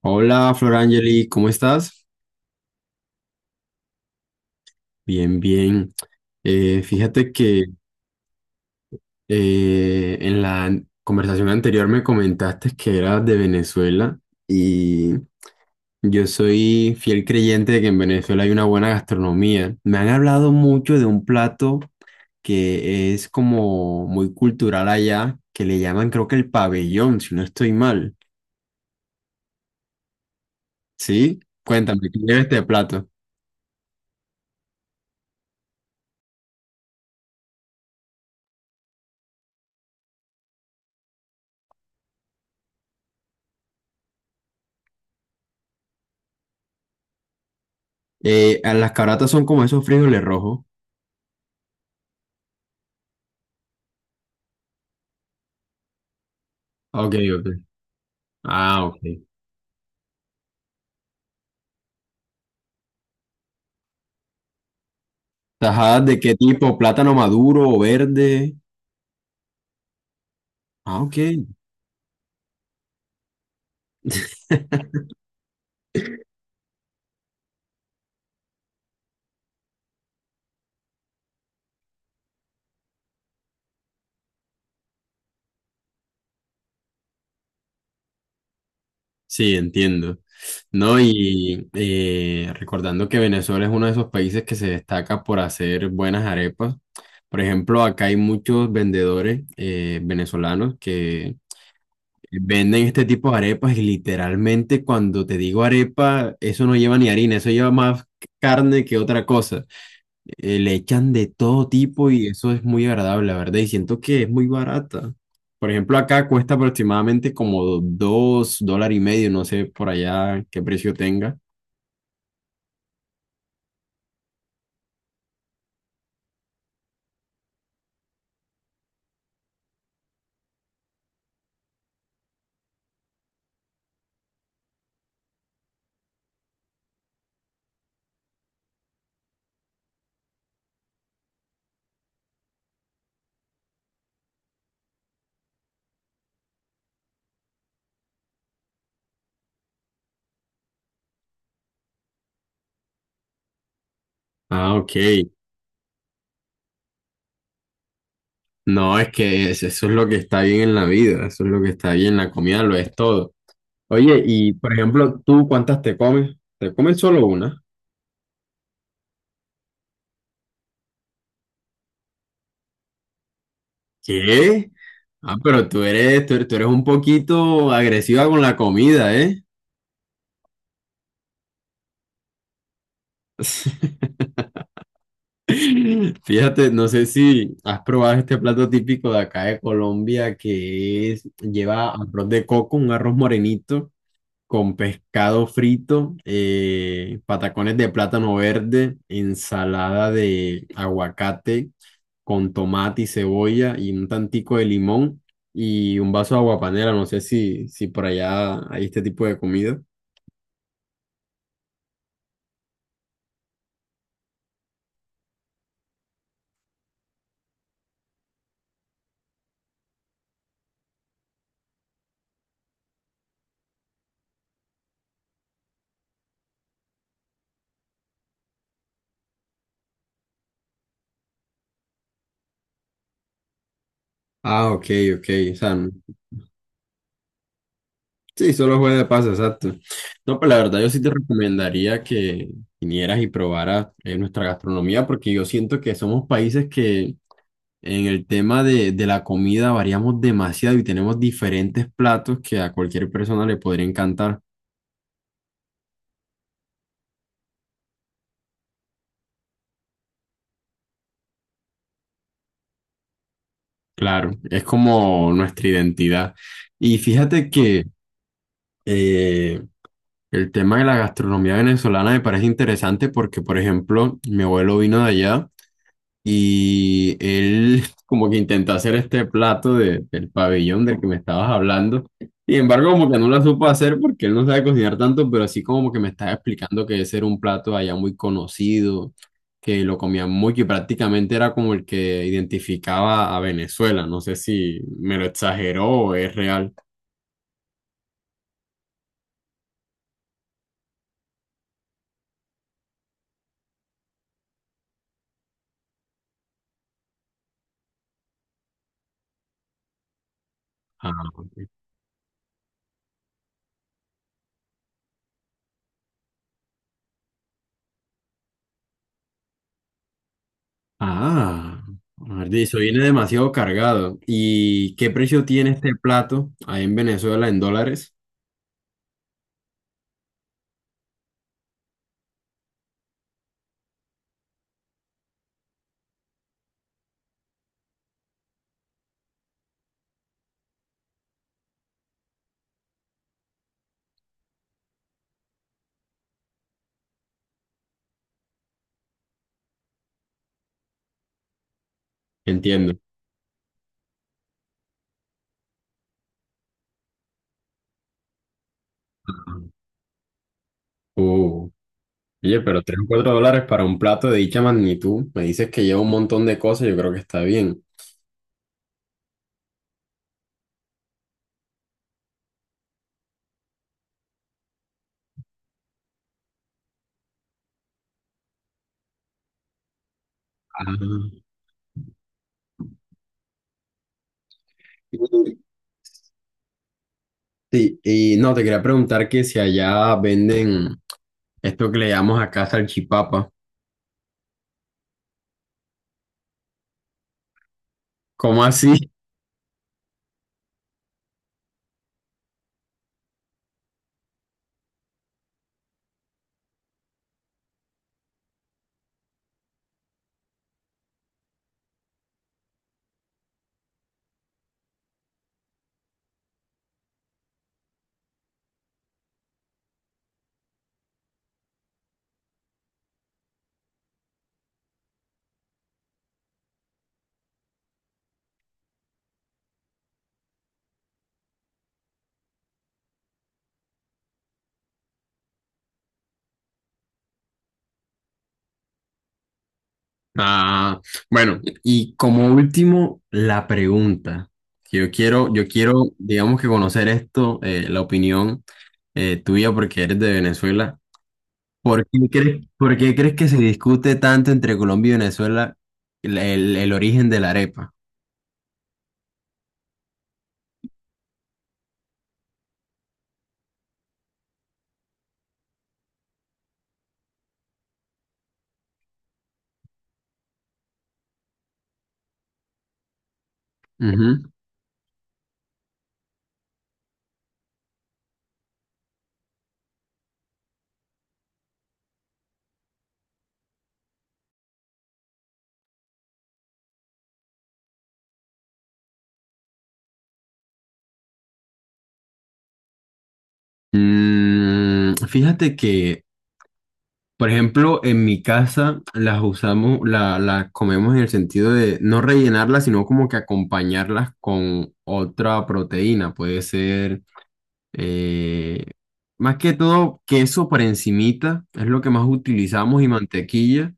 Hola, Florangeli, ¿cómo estás? Bien, bien. Fíjate que en la conversación anterior me comentaste que eras de Venezuela y yo soy fiel creyente de que en Venezuela hay una buena gastronomía. Me han hablado mucho de un plato que es como muy cultural allá, que le llaman creo que el pabellón, si no estoy mal. ¿Sí? Cuéntame, ¿qué lleva este plato? Las caratas son como esos frijoles rojos. Ok, ok. Ah, ok. ¿Tajadas de qué tipo? ¿Plátano maduro o verde? Ah, ok. Sí, entiendo. No, y recordando que Venezuela es uno de esos países que se destaca por hacer buenas arepas. Por ejemplo, acá hay muchos vendedores venezolanos que venden este tipo de arepas y literalmente cuando te digo arepa, eso no lleva ni harina, eso lleva más carne que otra cosa. Le echan de todo tipo y eso es muy agradable, la verdad. Y siento que es muy barata. Por ejemplo, acá cuesta aproximadamente como $2,50, no sé por allá qué precio tenga. Ah, ok. No, es que eso es lo que está bien en la vida, eso es lo que está bien, la comida lo es todo. Oye, y por ejemplo, ¿tú cuántas te comes? ¿Te comes solo una? ¿Qué? Ah, pero tú eres un poquito agresiva con la comida, ¿eh? Fíjate, no sé si has probado este plato típico de acá de Colombia que es, lleva arroz de coco, un arroz morenito con pescado frito, patacones de plátano verde, ensalada de aguacate con tomate y cebolla y un tantico de limón y un vaso de aguapanela. No sé si por allá hay este tipo de comida. Ah, ok, ok. O sea, sí, solo juega de paso, exacto. No, pues la verdad yo sí te recomendaría que vinieras y probaras nuestra gastronomía porque yo siento que somos países que en el tema de la comida variamos demasiado y tenemos diferentes platos que a cualquier persona le podría encantar. Claro, es como nuestra identidad. Y fíjate que eh, el tema de la gastronomía venezolana me parece interesante porque, por ejemplo, mi abuelo vino de allá. Y él como que intentó hacer este plato del pabellón del que me estabas hablando. Sin embargo, como que no lo supo hacer porque él no sabe cocinar tanto, pero así como que me estaba explicando que ese era un plato allá muy conocido, que lo comían mucho y prácticamente era como el que identificaba a Venezuela. No sé si me lo exageró o es real. Ah, ok. Ah, eso viene demasiado cargado. ¿Y qué precio tiene este plato ahí en Venezuela en dólares? Entiendo. Uh, oye, pero $3 o $4 para un plato de dicha magnitud, me dices que lleva un montón de cosas, yo creo que está bien. Ah. Y- sí, y no, te quería preguntar que si allá venden esto que le llamamos acá salchipapa. ¿Cómo así? Ah, bueno, y como último, la pregunta. Que Yo quiero, digamos que conocer esto, la opinión tuya, porque eres de Venezuela. ¿Por qué crees que se discute tanto entre Colombia y Venezuela el origen de la arepa? Ujú. Mm, fíjate que, por ejemplo, en mi casa las usamos, las comemos en el sentido de no rellenarlas, sino como que acompañarlas con otra proteína. Puede ser, eh, más que todo, queso por encimita, es lo que más utilizamos y mantequilla.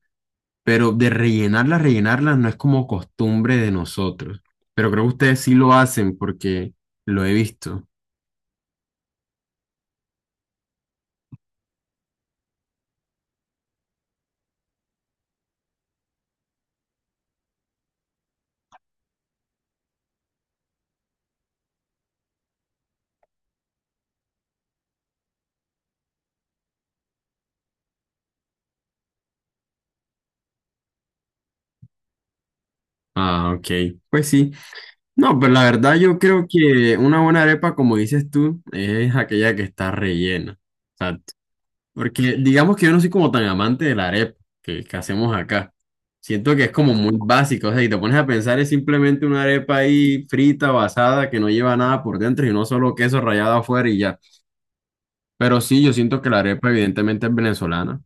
Pero de rellenarlas no es como costumbre de nosotros. Pero creo que ustedes sí lo hacen porque lo he visto. Ah, ok. Pues sí. No, pero la verdad yo creo que una buena arepa, como dices tú, es aquella que está rellena. Exacto. Porque digamos que yo no soy como tan amante de la arepa que hacemos acá. Siento que es como muy básico. O sea, si te pones a pensar es simplemente una arepa ahí frita o asada que no lleva nada por dentro y no solo queso rallado afuera y ya. Pero sí, yo siento que la arepa evidentemente es venezolana.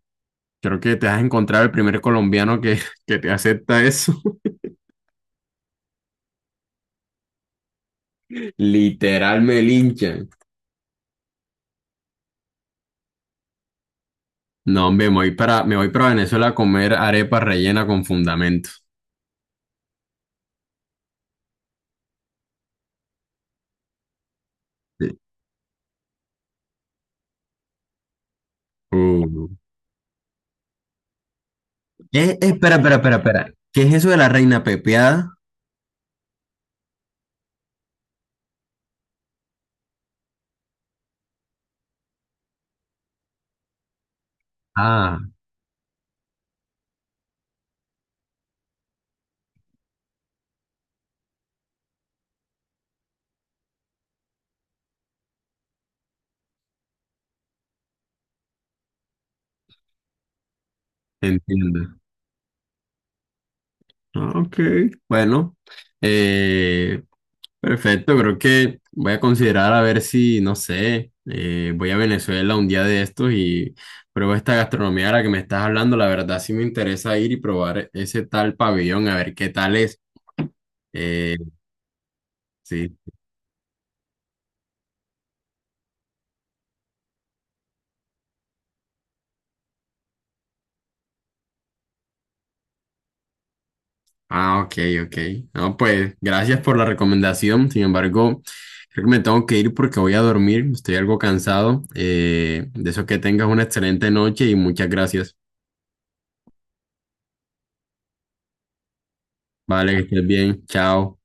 Creo que te has encontrado el primer colombiano que, que te acepta eso. Literal me linchan. No, hombre, me voy me voy para Venezuela a comer arepa rellena con fundamento. Sí. Uh. Espera. ¿Qué es eso de la reina pepeada? Ah, entiendo. Ah, ok, bueno. eh, Perfecto, creo que voy a considerar a ver si, no sé, voy a Venezuela un día de estos y pruebo esta gastronomía de la que me estás hablando. La verdad sí me interesa ir y probar ese tal pabellón, a ver qué tal es. Eh, sí. Ah, ok, ok. No, pues gracias por la recomendación. Sin embargo, creo que me tengo que ir porque voy a dormir. Estoy algo cansado. De eso que tengas una excelente noche y muchas gracias. Vale, que estés bien. Chao.